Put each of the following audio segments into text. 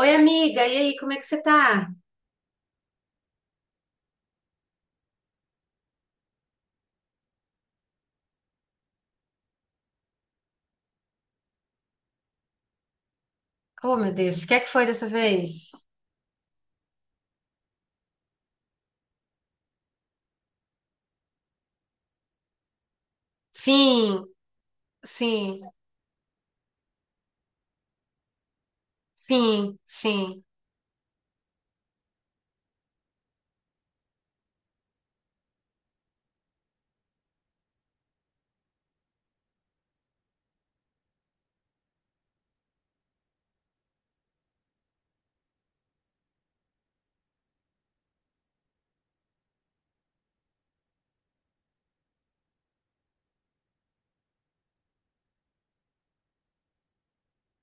Oi, amiga, e aí, como é que você tá? Oh, meu Deus, o que é que foi dessa vez? Sim, sim, sim, sim,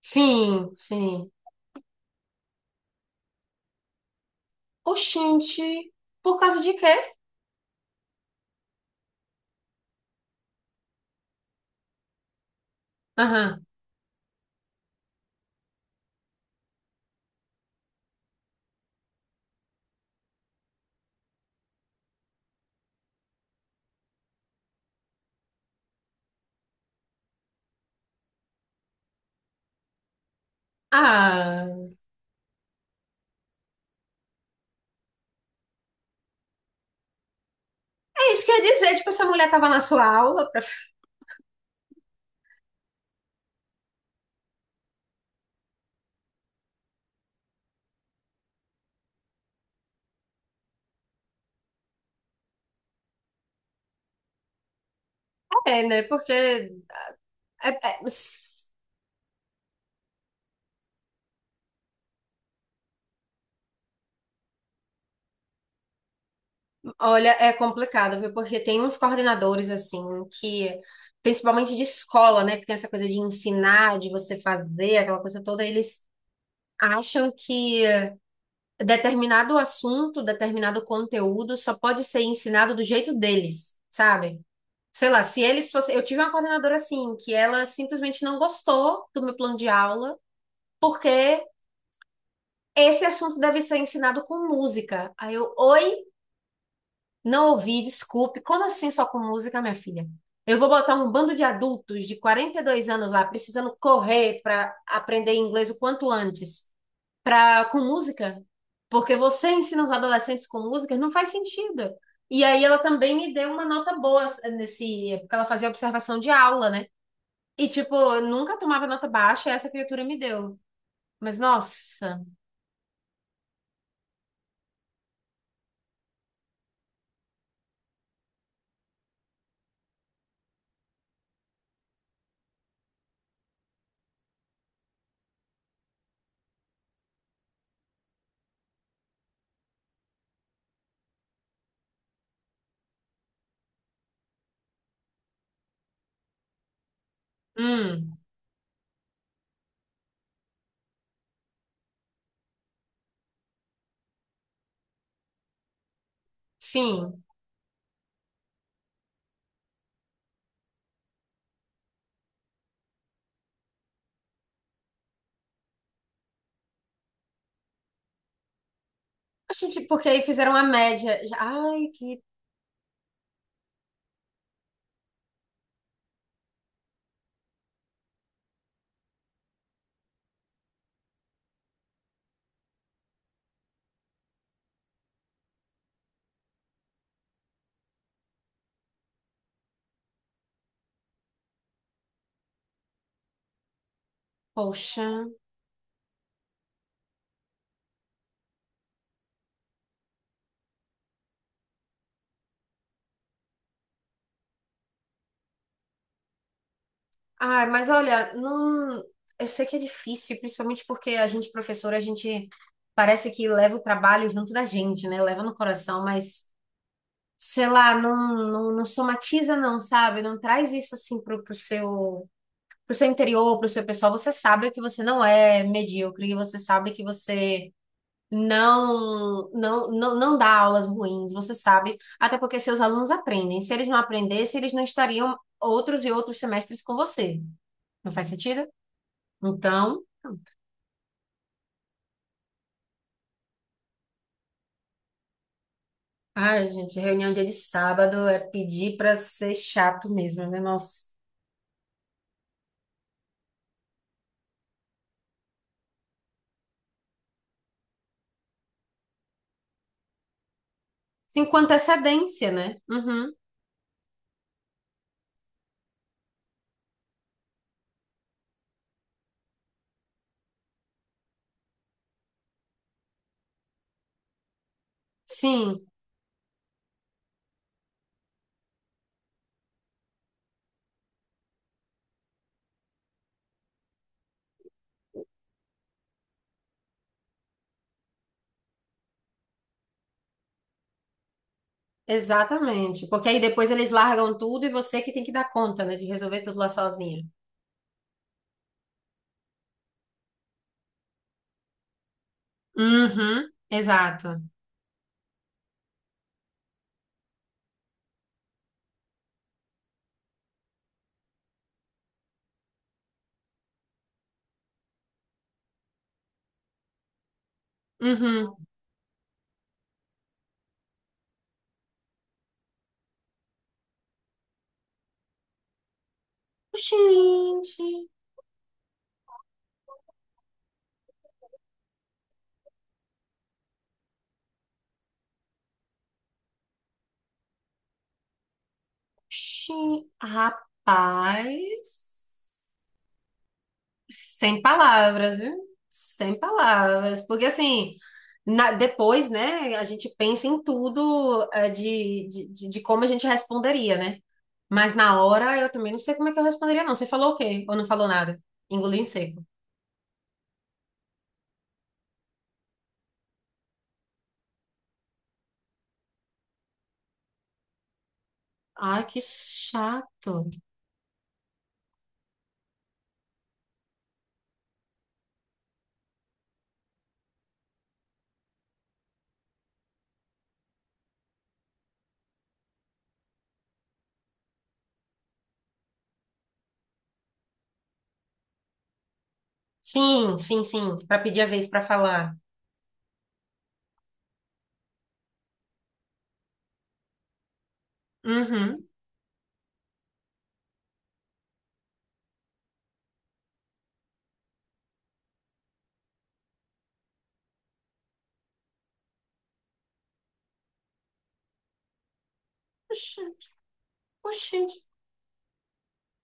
sim, sim. Oxente, por causa de quê? Aham. Ah, é isso que eu ia dizer, tipo, essa mulher tava na sua aula pra... É, né, porque... é- é- s- olha, é complicado, viu, porque tem uns coordenadores, assim, que... Principalmente de escola, né, que tem essa coisa de ensinar, de você fazer, aquela coisa toda, eles acham que... determinado assunto, determinado conteúdo só pode ser ensinado do jeito deles, sabe? Sei lá, se eles fossem. Eu tive uma coordenadora assim, que ela simplesmente não gostou do meu plano de aula, porque esse assunto deve ser ensinado com música. Aí eu, oi, não ouvi, desculpe. Como assim só com música, minha filha? Eu vou botar um bando de adultos de 42 anos lá, precisando correr para aprender inglês o quanto antes. Pra, com música, porque você ensina os adolescentes com música, não faz sentido. E aí ela também me deu uma nota boa nesse, porque ela fazia observação de aula, né? E tipo, eu nunca tomava nota baixa, essa criatura me deu. Mas nossa, hum, sim. A gente, porque aí fizeram a média. Já- Ai, que poxa. Ai, mas olha, não, eu sei que é difícil, principalmente porque a gente professora, a gente parece que leva o trabalho junto da gente, né? Leva no coração, mas sei lá, não, não, não somatiza não, sabe? Não traz isso assim pro, pro seu interior, pro seu pessoal. Você sabe que você não é medíocre, você sabe que você não, não, não, não dá aulas ruins, você sabe, até porque seus alunos aprendem. Se eles não aprendessem, eles não estariam outros e outros semestres com você. Não faz sentido? Então, ai, gente, reunião dia de sábado é pedir pra ser chato mesmo, né? Nossa. Sim, com antecedência, né? Uhum. Sim. Exatamente, porque aí depois eles largam tudo e você que tem que dar conta, né, de resolver tudo lá sozinha. Uhum, exato. Uhum. Gente, gente, rapaz, sem palavras, viu? Sem palavras, porque assim, na- depois, né, a gente pensa em tudo de como a gente responderia, né? Mas na hora eu também não sei como é que eu responderia, não. Você falou o quê? Ou não falou nada? Engoliu em seco. Ai, que chato. Sim, sim, sim. Pra pedir a vez pra falar. Uhum. Oxi, oxi.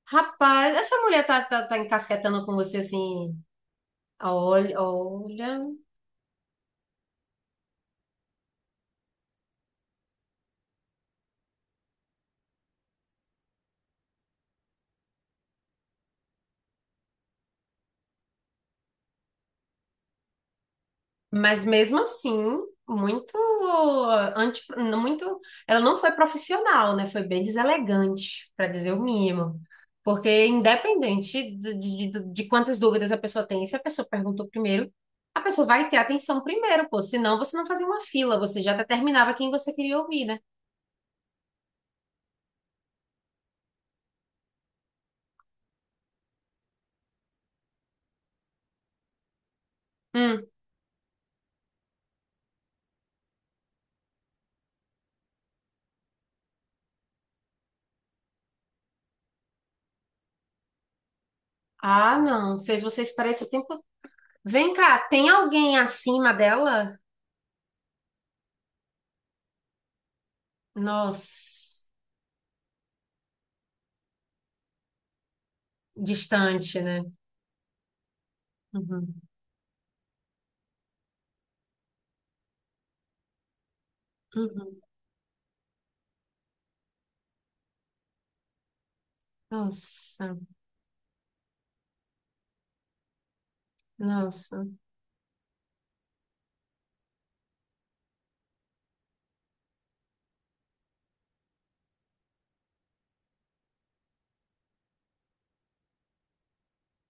Rapaz, essa mulher tá, tá, tá encasquetando com você assim. Olha, olha. Mas mesmo assim, muito anti, muito, ela não foi profissional, né? Foi bem deselegante, para dizer o mínimo. Porque independente de quantas dúvidas a pessoa tem, se a pessoa perguntou primeiro, a pessoa vai ter atenção primeiro, pô. Senão você não fazia uma fila, você já determinava quem você queria ouvir, né? Hum. Ah, não, fez você esperar esse tempo. Vem cá, tem alguém acima dela? Nossa, distante, né? Uhum. Uhum. Nossa. Nossa.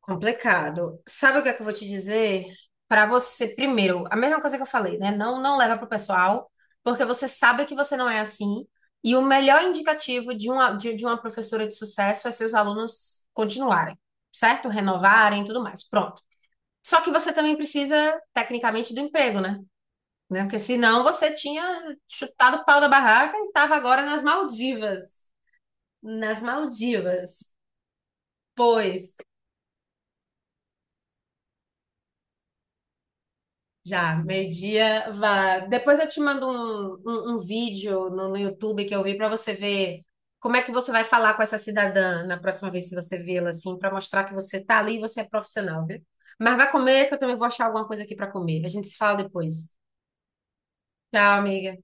Complicado. Sabe o que é que eu vou te dizer? Para você, primeiro, a mesma coisa que eu falei, né? Não, não leva pro pessoal, porque você sabe que você não é assim. E o melhor indicativo de uma, de uma professora de sucesso é seus alunos continuarem, certo? Renovarem e tudo mais. Pronto. Só que você também precisa, tecnicamente, do emprego, né? Né? Porque senão você tinha chutado o pau da barraca e estava agora nas Maldivas. Nas Maldivas. Pois. Já, meio-dia, vá. Depois eu te mando um, um, um vídeo no, no YouTube que eu vi para você ver como é que você vai falar com essa cidadã na próxima vez que você vê-la, assim, para mostrar que você tá ali e você é profissional, viu? Mas vai comer, que eu também vou achar alguma coisa aqui para comer. A gente se fala depois. Tchau, amiga.